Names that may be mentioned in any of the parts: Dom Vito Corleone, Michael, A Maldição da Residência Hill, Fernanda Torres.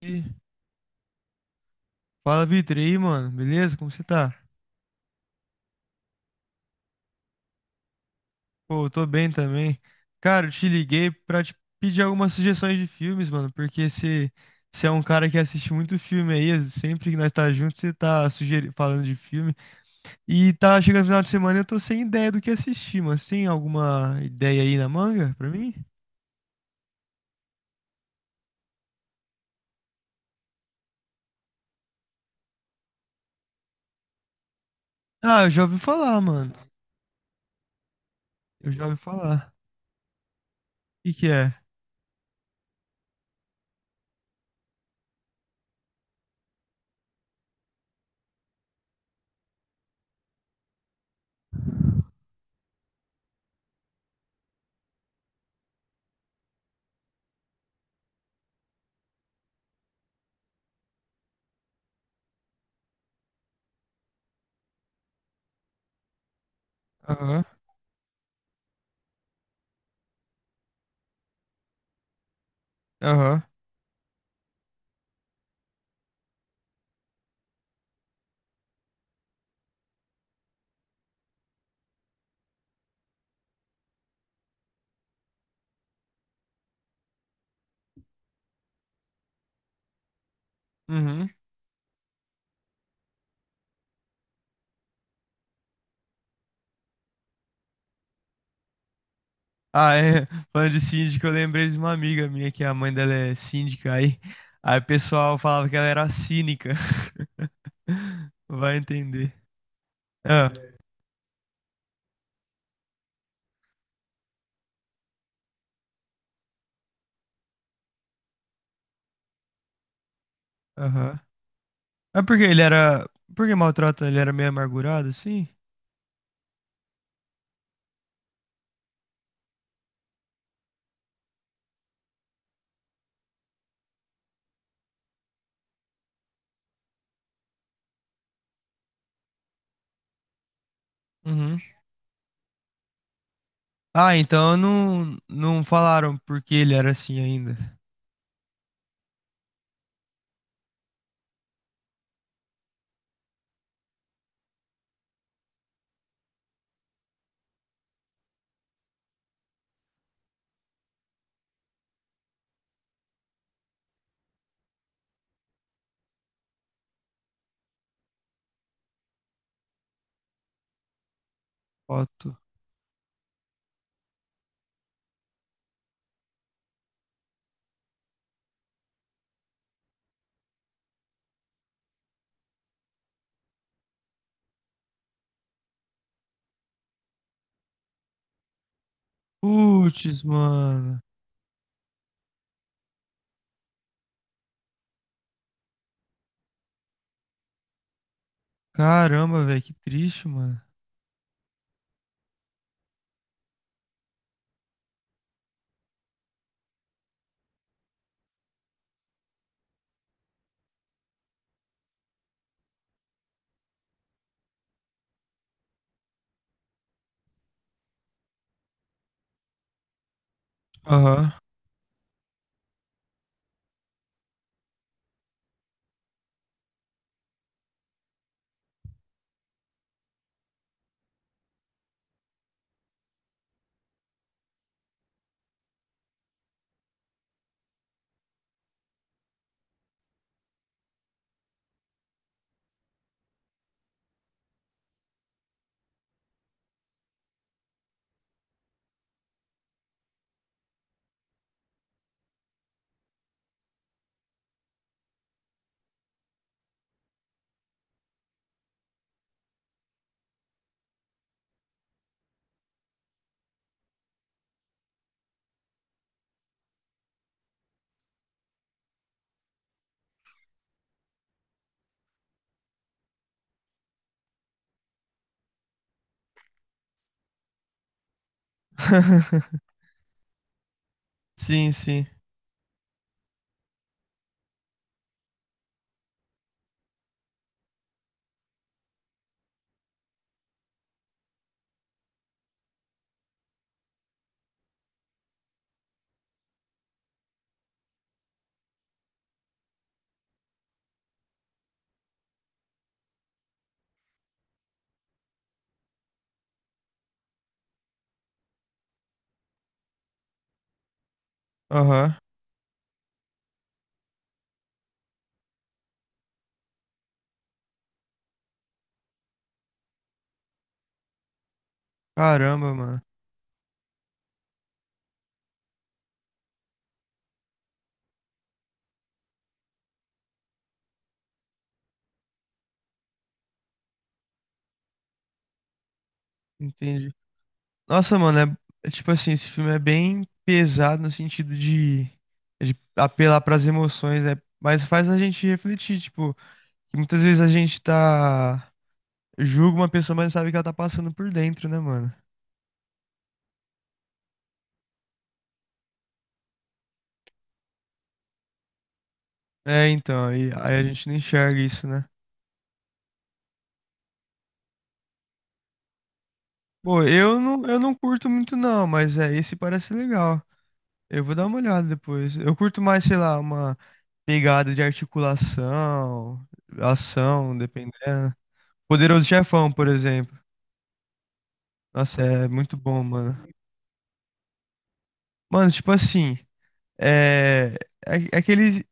E fala, Vitor, e aí, mano? Beleza? Como você tá? Pô, eu tô bem também. Cara, eu te liguei pra te pedir algumas sugestões de filmes, mano, porque você é um cara que assiste muito filme aí, sempre que nós tá juntos, você tá sugeri falando de filme. E tá chegando no final de semana e eu tô sem ideia do que assistir, mano. Você tem alguma ideia aí na manga pra mim? Ah, eu já ouvi falar, mano. Eu já ouvi falar. O que que é? Aham, aham. Uhum. Ah, é. Falando de síndico, eu lembrei de uma amiga minha que a mãe dela é síndica. Aí o pessoal falava que ela era cínica. Vai entender. Ah, aham. Ah, porque ele era. Por que maltrata? Ele era meio amargurado, assim? Uhum. Ah, então não falaram porque ele era assim ainda. Foto. Putz, mano. Caramba, velho, que triste, mano. Aham. Sim, sim. Aham. Caramba, mano. Entendi. Nossa, mano, é tipo assim, esse filme é bem pesado no sentido de apelar para as emoções, né? Mas faz a gente refletir, tipo, que muitas vezes a gente tá julga uma pessoa, mas não sabe o que ela tá passando por dentro, né, mano? É, então, aí a gente não enxerga isso, né? Pô, eu não curto muito não, mas é, esse parece legal. Eu vou dar uma olhada depois. Eu curto mais, sei lá, uma pegada de articulação, ação, dependendo. Poderoso Chefão, por exemplo. Nossa, é muito bom, mano. Mano, tipo assim, é, é que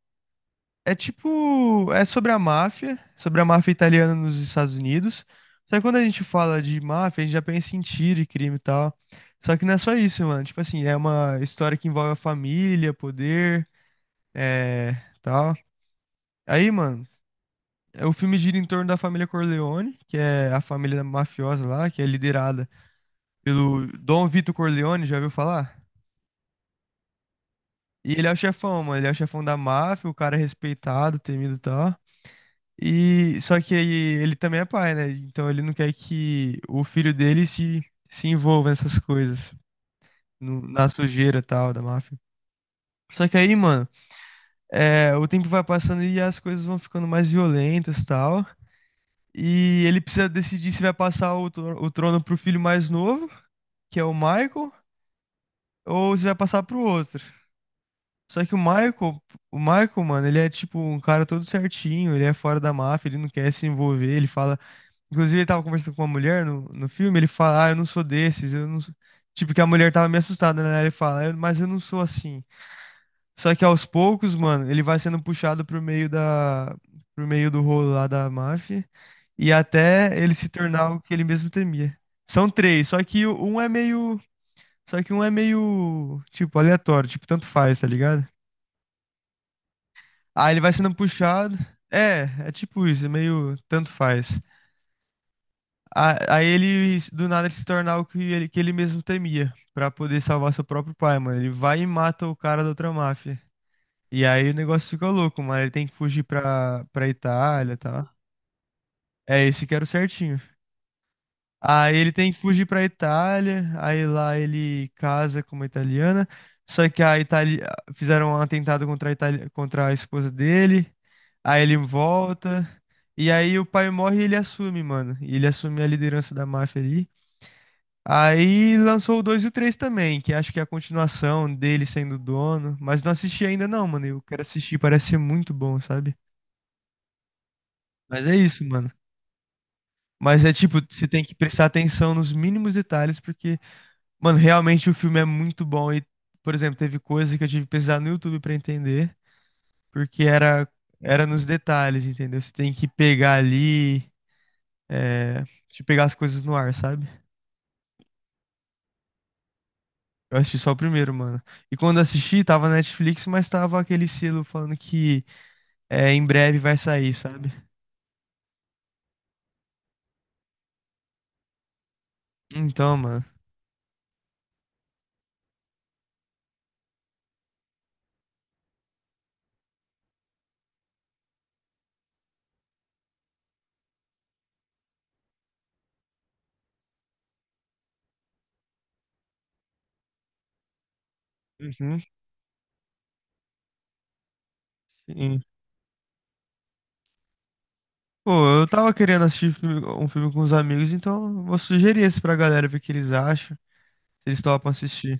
é tipo, é sobre a máfia italiana nos Estados Unidos. Só que quando a gente fala de máfia, a gente já pensa em tiro e crime e tal. Só que não é só isso, mano. Tipo assim, é uma história que envolve a família, poder, é, tal. Aí, mano, o filme gira em torno da família Corleone, que é a família mafiosa lá, que é liderada pelo Dom Vito Corleone, já ouviu falar? E ele é o chefão, mano. Ele é o chefão da máfia, o cara é respeitado, temido e tal. E só que aí ele também é pai, né? Então ele não quer que o filho dele se envolva nessas coisas, na sujeira e tal da máfia. Só que aí, mano, o tempo vai passando e as coisas vão ficando mais violentas e tal. E ele precisa decidir se vai passar o trono pro filho mais novo, que é o Michael, ou se vai passar pro outro. Só que o Michael, mano, ele é tipo um cara todo certinho, ele é fora da máfia, ele não quer se envolver, ele fala. Inclusive, ele tava conversando com uma mulher no filme, ele fala, ah, eu não sou desses, eu não sou. Tipo, que a mulher tava meio assustada, né? Ele fala, "Eu- mas eu não sou assim. Só que aos poucos, mano, ele vai sendo puxado pro meio da. Pro meio do rolo lá da máfia. E até ele se tornar o que ele mesmo temia. São três, só que um é meio. Só que um é meio, tipo, aleatório, tipo, tanto faz, tá ligado? Aí ele vai sendo puxado. É, é tipo isso, é meio tanto faz. Aí ele, do nada, ele se torna o que ele mesmo temia, pra poder salvar seu próprio pai, mano. Ele vai e mata o cara da outra máfia. E aí o negócio fica louco, mano. Ele tem que fugir pra Itália e tal. É, esse que era o certinho. Aí ele tem que fugir pra Itália, aí lá ele casa com uma italiana, só que a Itália fizeram um atentado contra a Itália, contra a esposa dele, aí ele volta, e aí o pai morre e ele assume, mano. E ele assume a liderança da máfia ali. Aí lançou o 2 e o 3 também, que acho que é a continuação dele sendo dono, mas não assisti ainda não, mano. Eu quero assistir, parece ser muito bom, sabe? Mas é isso, mano. Mas é tipo, você tem que prestar atenção nos mínimos detalhes, porque mano, realmente o filme é muito bom e, por exemplo, teve coisa que eu tive que pesquisar no YouTube pra entender, porque era nos detalhes, entendeu? Você tem que pegar ali, é, de pegar as coisas no ar, sabe? Eu assisti só o primeiro, mano. E quando assisti, tava na Netflix, mas tava aquele selo falando que é, em breve vai sair, sabe? Então, mano. Uhum, sim. Pô, eu tava querendo assistir um filme com os amigos, então eu vou sugerir esse pra galera ver o que eles acham, se eles topam assistir.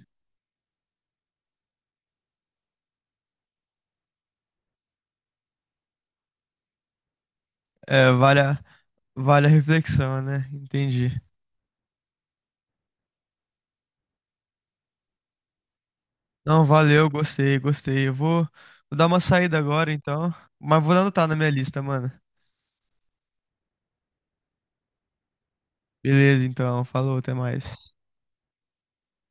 É, vale a reflexão, né? Entendi. Não, valeu, gostei, gostei. Vou dar uma saída agora, então. Mas vou anotar na minha lista, mano. Beleza, então. Falou, até mais.